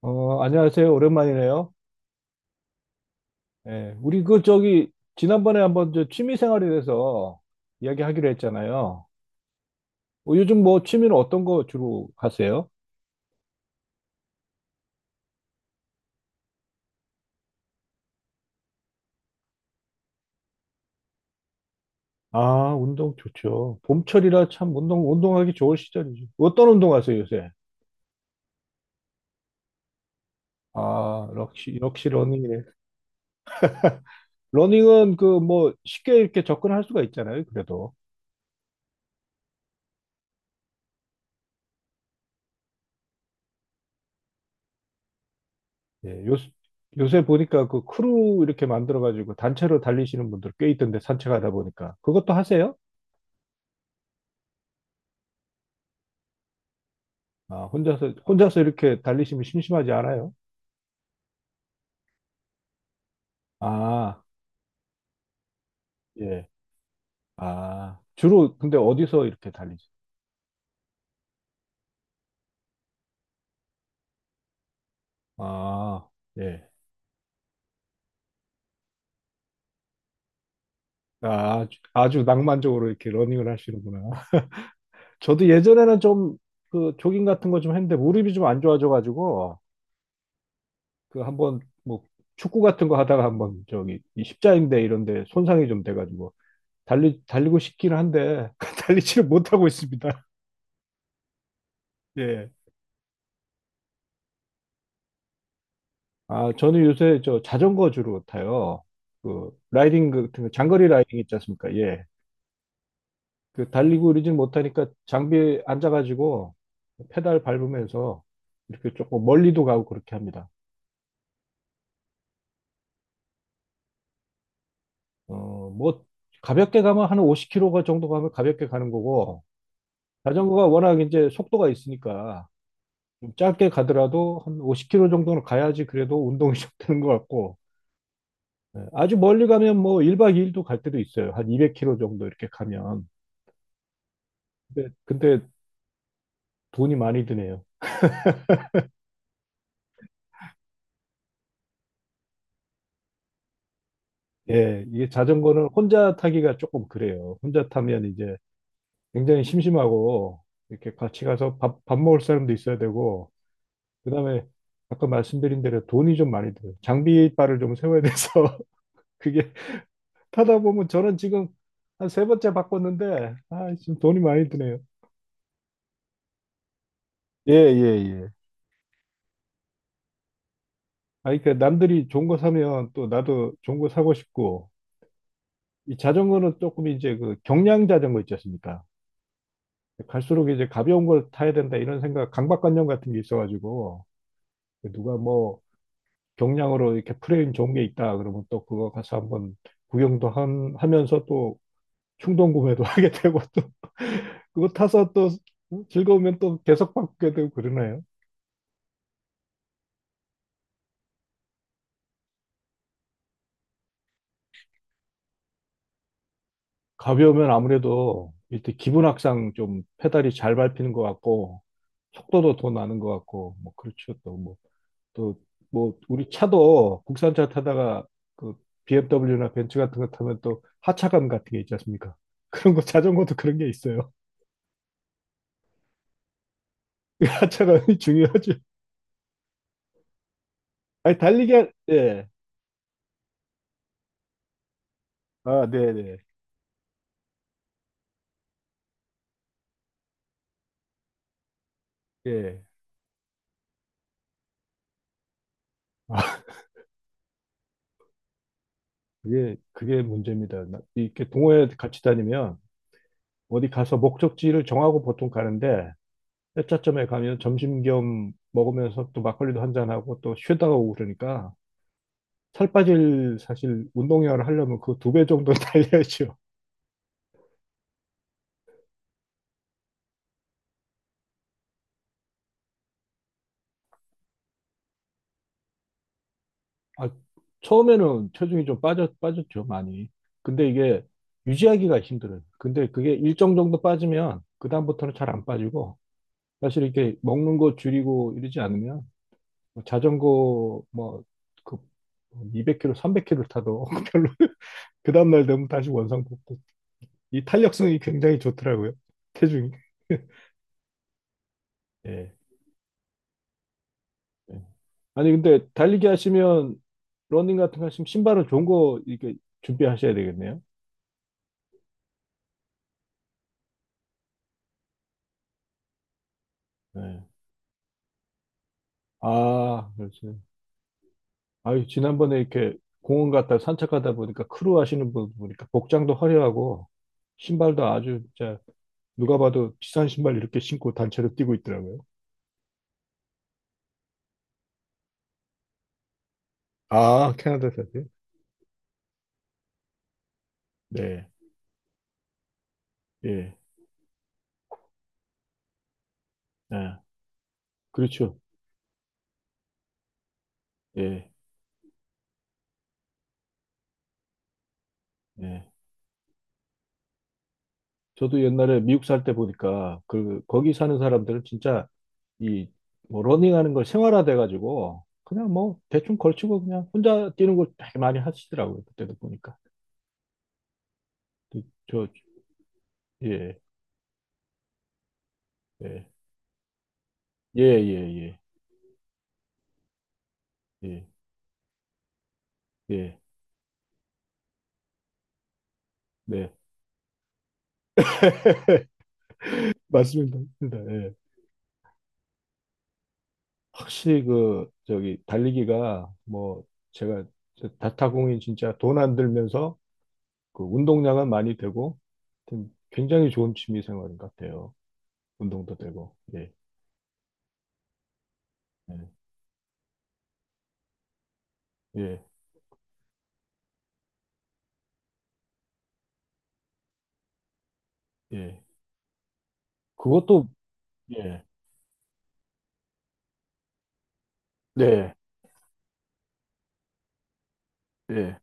안녕하세요. 오랜만이네요. 예, 우리 그 저기 지난번에 한번 저 취미 생활에 대해서 이야기하기로 했잖아요. 요즘 뭐 취미는 어떤 거 주로 하세요? 아, 운동 좋죠. 봄철이라 참 운동하기 좋을 시절이죠. 어떤 운동 하세요, 요새? 아, 역시 역시 러닝이네. 러닝은 그 뭐 쉽게 이렇게 접근할 수가 있잖아요. 그래도. 예, 요 요새 보니까 그 크루 이렇게 만들어 가지고 단체로 달리시는 분들 꽤 있던데 산책하다 보니까. 그것도 하세요? 아, 혼자서 이렇게 달리시면 심심하지 않아요? 아, 예. 아, 주로 근데 어디서 이렇게 달리죠? 아, 예. 아, 아주 낭만적으로 이렇게 러닝을 하시는구나. 저도 예전에는 좀 그 조깅 같은 거 좀 했는데 무릎이 좀 안 좋아져가지고 그 한번 뭐 축구 같은 거 하다가 한번 저기 이 십자인대 이런 데 손상이 좀 돼가지고 달리고 싶기는 한데 달리지를 못하고 있습니다. 예. 아, 저는 요새 저 자전거 주로 타요. 그 라이딩 같은 거 장거리 라이딩 있지 않습니까? 예. 그 달리고 이러진 못하니까 장비에 앉아가지고 페달 밟으면서 이렇게 조금 멀리도 가고 그렇게 합니다. 어, 뭐 가볍게 가면 한 50km 정도 가면 가볍게 가는 거고 자전거가 워낙 이제 속도가 있으니까 좀 짧게 가더라도 한 50km 정도는 가야지 그래도 운동이 좀 되는 것 같고 예, 아주 멀리 가면 뭐 1박 2일도 갈 때도 있어요. 한 200km 정도 이렇게 가면. 근데 돈이 많이 드네요. 예, 이게 자전거는 혼자 타기가 조금 그래요. 혼자 타면 이제 굉장히 심심하고 이렇게 같이 가서 밥 먹을 사람도 있어야 되고 그다음에 아까 말씀드린 대로 돈이 좀 많이 들어요. 장비빨을 좀 세워야 돼서 그게 타다 보면 저는 지금 한 세 번째 바꿨는데 아, 지금 돈이 많이 드네요. 예, 예, 예. 아, 그러니까 남들이 좋은 거 사면 또 나도 좋은 거 사고 싶고 이 자전거는 조금 이제 그 경량 자전거 있지 않습니까? 갈수록 이제 가벼운 걸 타야 된다 이런 생각, 강박관념 같은 게 있어가지고 누가 뭐 경량으로 이렇게 프레임 좋은 게 있다 그러면 또 그거 가서 한번 구경도 하면서 또 충동 구매도 하게 되고 또 그거 타서 또 즐거우면 또 계속 바꾸게 되고 그러네요. 가벼우면 아무래도 일단 기분 악상 좀 페달이 잘 밟히는 것 같고 속도도 더 나는 것 같고 뭐 그렇죠 또뭐 또 뭐 우리 차도 국산차 타다가 그 BMW나 벤츠 같은 거 타면 또 하차감 같은 게 있지 않습니까? 그런 거 자전거도 그런 게 있어요. 하차감이 중요하죠. 아니 달리기 예. 아, 네, 네. 예. 아, 그게 문제입니다. 이렇게 동호회 같이 다니면 어디 가서 목적지를 정하고 보통 가는데 회차점에 가면 점심 겸 먹으면서 또 막걸리도 한 잔하고 또 쉬다가 오고 그러니까 살 빠질 사실 운동량을 하려면 그 두 배 정도 달려야죠. 아, 처음에는 체중이 좀 빠졌죠, 많이. 근데 이게 유지하기가 힘들어요. 근데 그게 일정 정도 빠지면 그다음부터는 잘 안 빠지고 사실 이렇게 먹는 거 줄이고 이러지 않으면 뭐 자전거 뭐 그 200km, 300km 타도 별로 그 다음날 되면 다시 원상 복구. 이 탄력성이 굉장히 좋더라고요. 체중이. 예. 예. 아니 근데 달리기 하시면 러닝 같은 거 하시면 신발은 좋은 거 이렇게 준비하셔야 되겠네요. 예. 아, 그렇지. 아유, 지난번에 이렇게 공원 갔다 산책하다 보니까 크루 하시는 분 보니까 복장도 화려하고 신발도 아주 진짜 누가 봐도 비싼 신발 이렇게 신고 단체로 뛰고 있더라고요. 아, 캐나다 사세요? 네, 예, 예, 그렇죠. 예, 예. 저도 옛날에 미국 살 때 보니까 그 거기 사는 사람들은 진짜 이 뭐 러닝하는 걸 생활화돼 가지고 그냥 뭐 대충 걸치고 그냥 혼자 뛰는 걸 되게 많이 하시더라고요. 그때도 보니까. 그, 저, 예. 예. 예, 예, 예, 예, 예, 네. 맞습니다. 맞습니다. 예. 확실히 그, 저기, 달리기가 뭐, 제가 저 다타공이 진짜 돈 안 들면서 그 운동량은 많이 되고, 하여튼 굉장히 좋은 취미 생활인 것 같아요. 운동도 되고, 예, 예, 예, 예. 그것도, 예, 네, 예,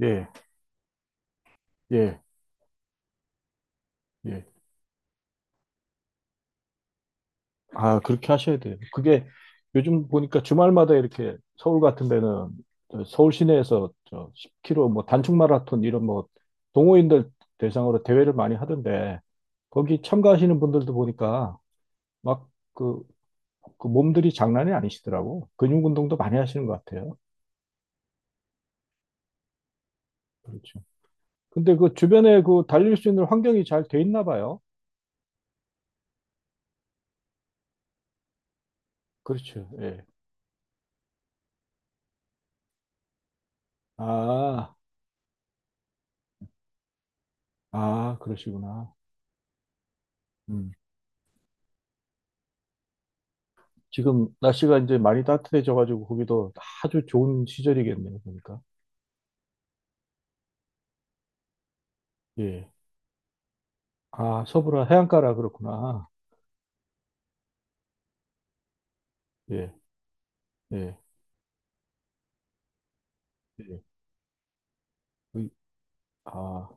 예, 예, 예. 아, 그렇게 하셔야 돼요. 그게 요즘 보니까 주말마다 이렇게 서울 같은 데는 저 서울 시내에서 저 10km 뭐 단축 마라톤 이런 뭐 동호인들 대상으로 대회를 많이 하던데 거기 참가하시는 분들도 보니까 막 그, 그 몸들이 장난이 아니시더라고. 근육 운동도 많이 하시는 것 같아요. 그렇죠. 근데 그 주변에 그 달릴 수 있는 환경이 잘 돼 있나 봐요. 그렇죠. 예. 아, 아, 그러시구나. 음. 지금 날씨가 이제 많이 따뜻해져가지고 거기도 아주 좋은 시절이겠네요, 보니까. 예. 아, 서부라 해안가라 그렇구나. 예, 예, 예. 의- 아,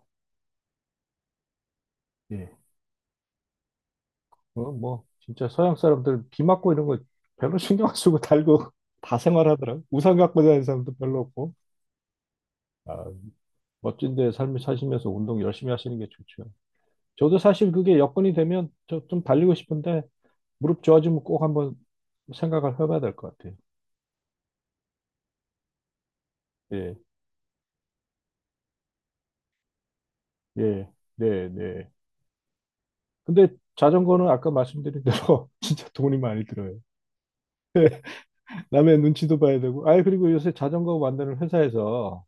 예. 어, 뭐, 진짜 서양 사람들 비 맞고 이런 거 별로 신경 안 쓰고 달고 다 생활하더라. 우산 갖고 다니는 사람도 별로 없고. 아, 멋진데 삶을 사시면서 운동 열심히 하시는 게 좋죠. 저도 사실 그게 여건이 되면 저 좀 달리고 싶은데 무릎 좋아지면 꼭 한번 생각을 해봐야 될 것 같아요. 예. 예, 네, 네. 근데 자전거는 아까 말씀드린 대로 진짜 돈이 많이 들어요. 남의 눈치도 봐야 되고. 아, 그리고 요새 자전거 만드는 회사에서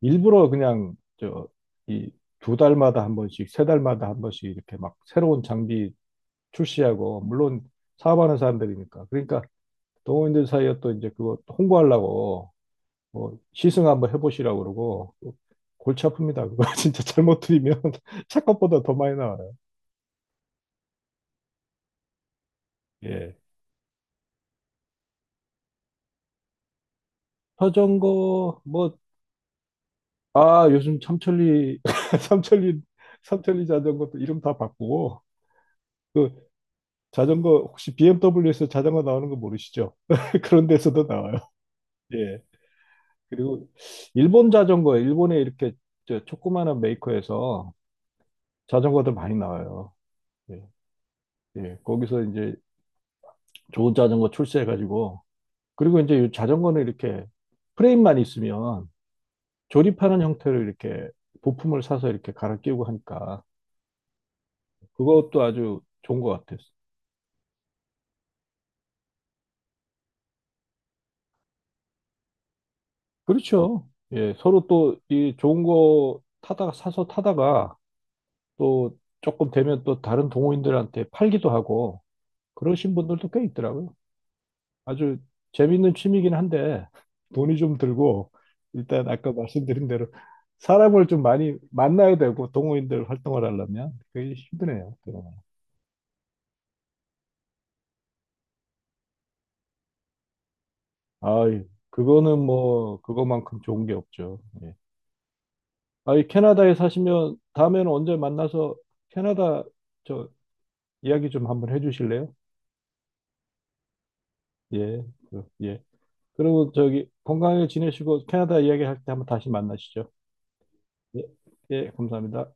일부러 그냥 저 이 두 달마다 한 번씩, 세 달마다 한 번씩 이렇게 막 새로운 장비 출시하고 물론 사업하는 사람들이니까. 그러니까 동호인들 사이에 또 이제 그거 홍보하려고 뭐 시승 한번 해보시라고 그러고 골치 아픕니다. 그거 진짜 잘못 들이면 차 것보다 더 많이 나와요. 예. 자전거 뭐 아, 요즘 삼천리, 삼천리, 삼천리 자전거도 이름 다 바꾸고, 그 자전거, 혹시 BMW에서 자전거 나오는 거 모르시죠? 그런 데서도 나와요. 예. 그리고 일본 자전거, 일본에 이렇게 저 조그마한 메이커에서 자전거들 많이 나와요. 예. 예. 거기서 이제 좋은 자전거 출시해가지고, 그리고 이제 이 자전거는 이렇게 프레임만 있으면 조립하는 형태로 이렇게 부품을 사서 이렇게 갈아 끼우고 하니까, 그것도 아주 좋은 것 같아요. 그렇죠. 예, 서로 또 이 좋은 거 타다가 사서 타다가 또 조금 되면 또 다른 동호인들한테 팔기도 하고 그러신 분들도 꽤 있더라고요. 아주 재밌는 취미긴 한데 돈이 좀 들고 일단 아까 말씀드린 대로 사람을 좀 많이 만나야 되고 동호인들 활동을 하려면 그게 힘드네요. 아, 그거는 뭐 그거만큼 좋은 게 없죠. 예. 아, 캐나다에 사시면 다음에는 언제 만나서 캐나다 저 이야기 좀 한번 해주실래요? 예, 그, 예. 그리고 저기 건강하게 지내시고 캐나다 이야기할 때 한번 다시 만나시죠. 예, 예, 감사합니다.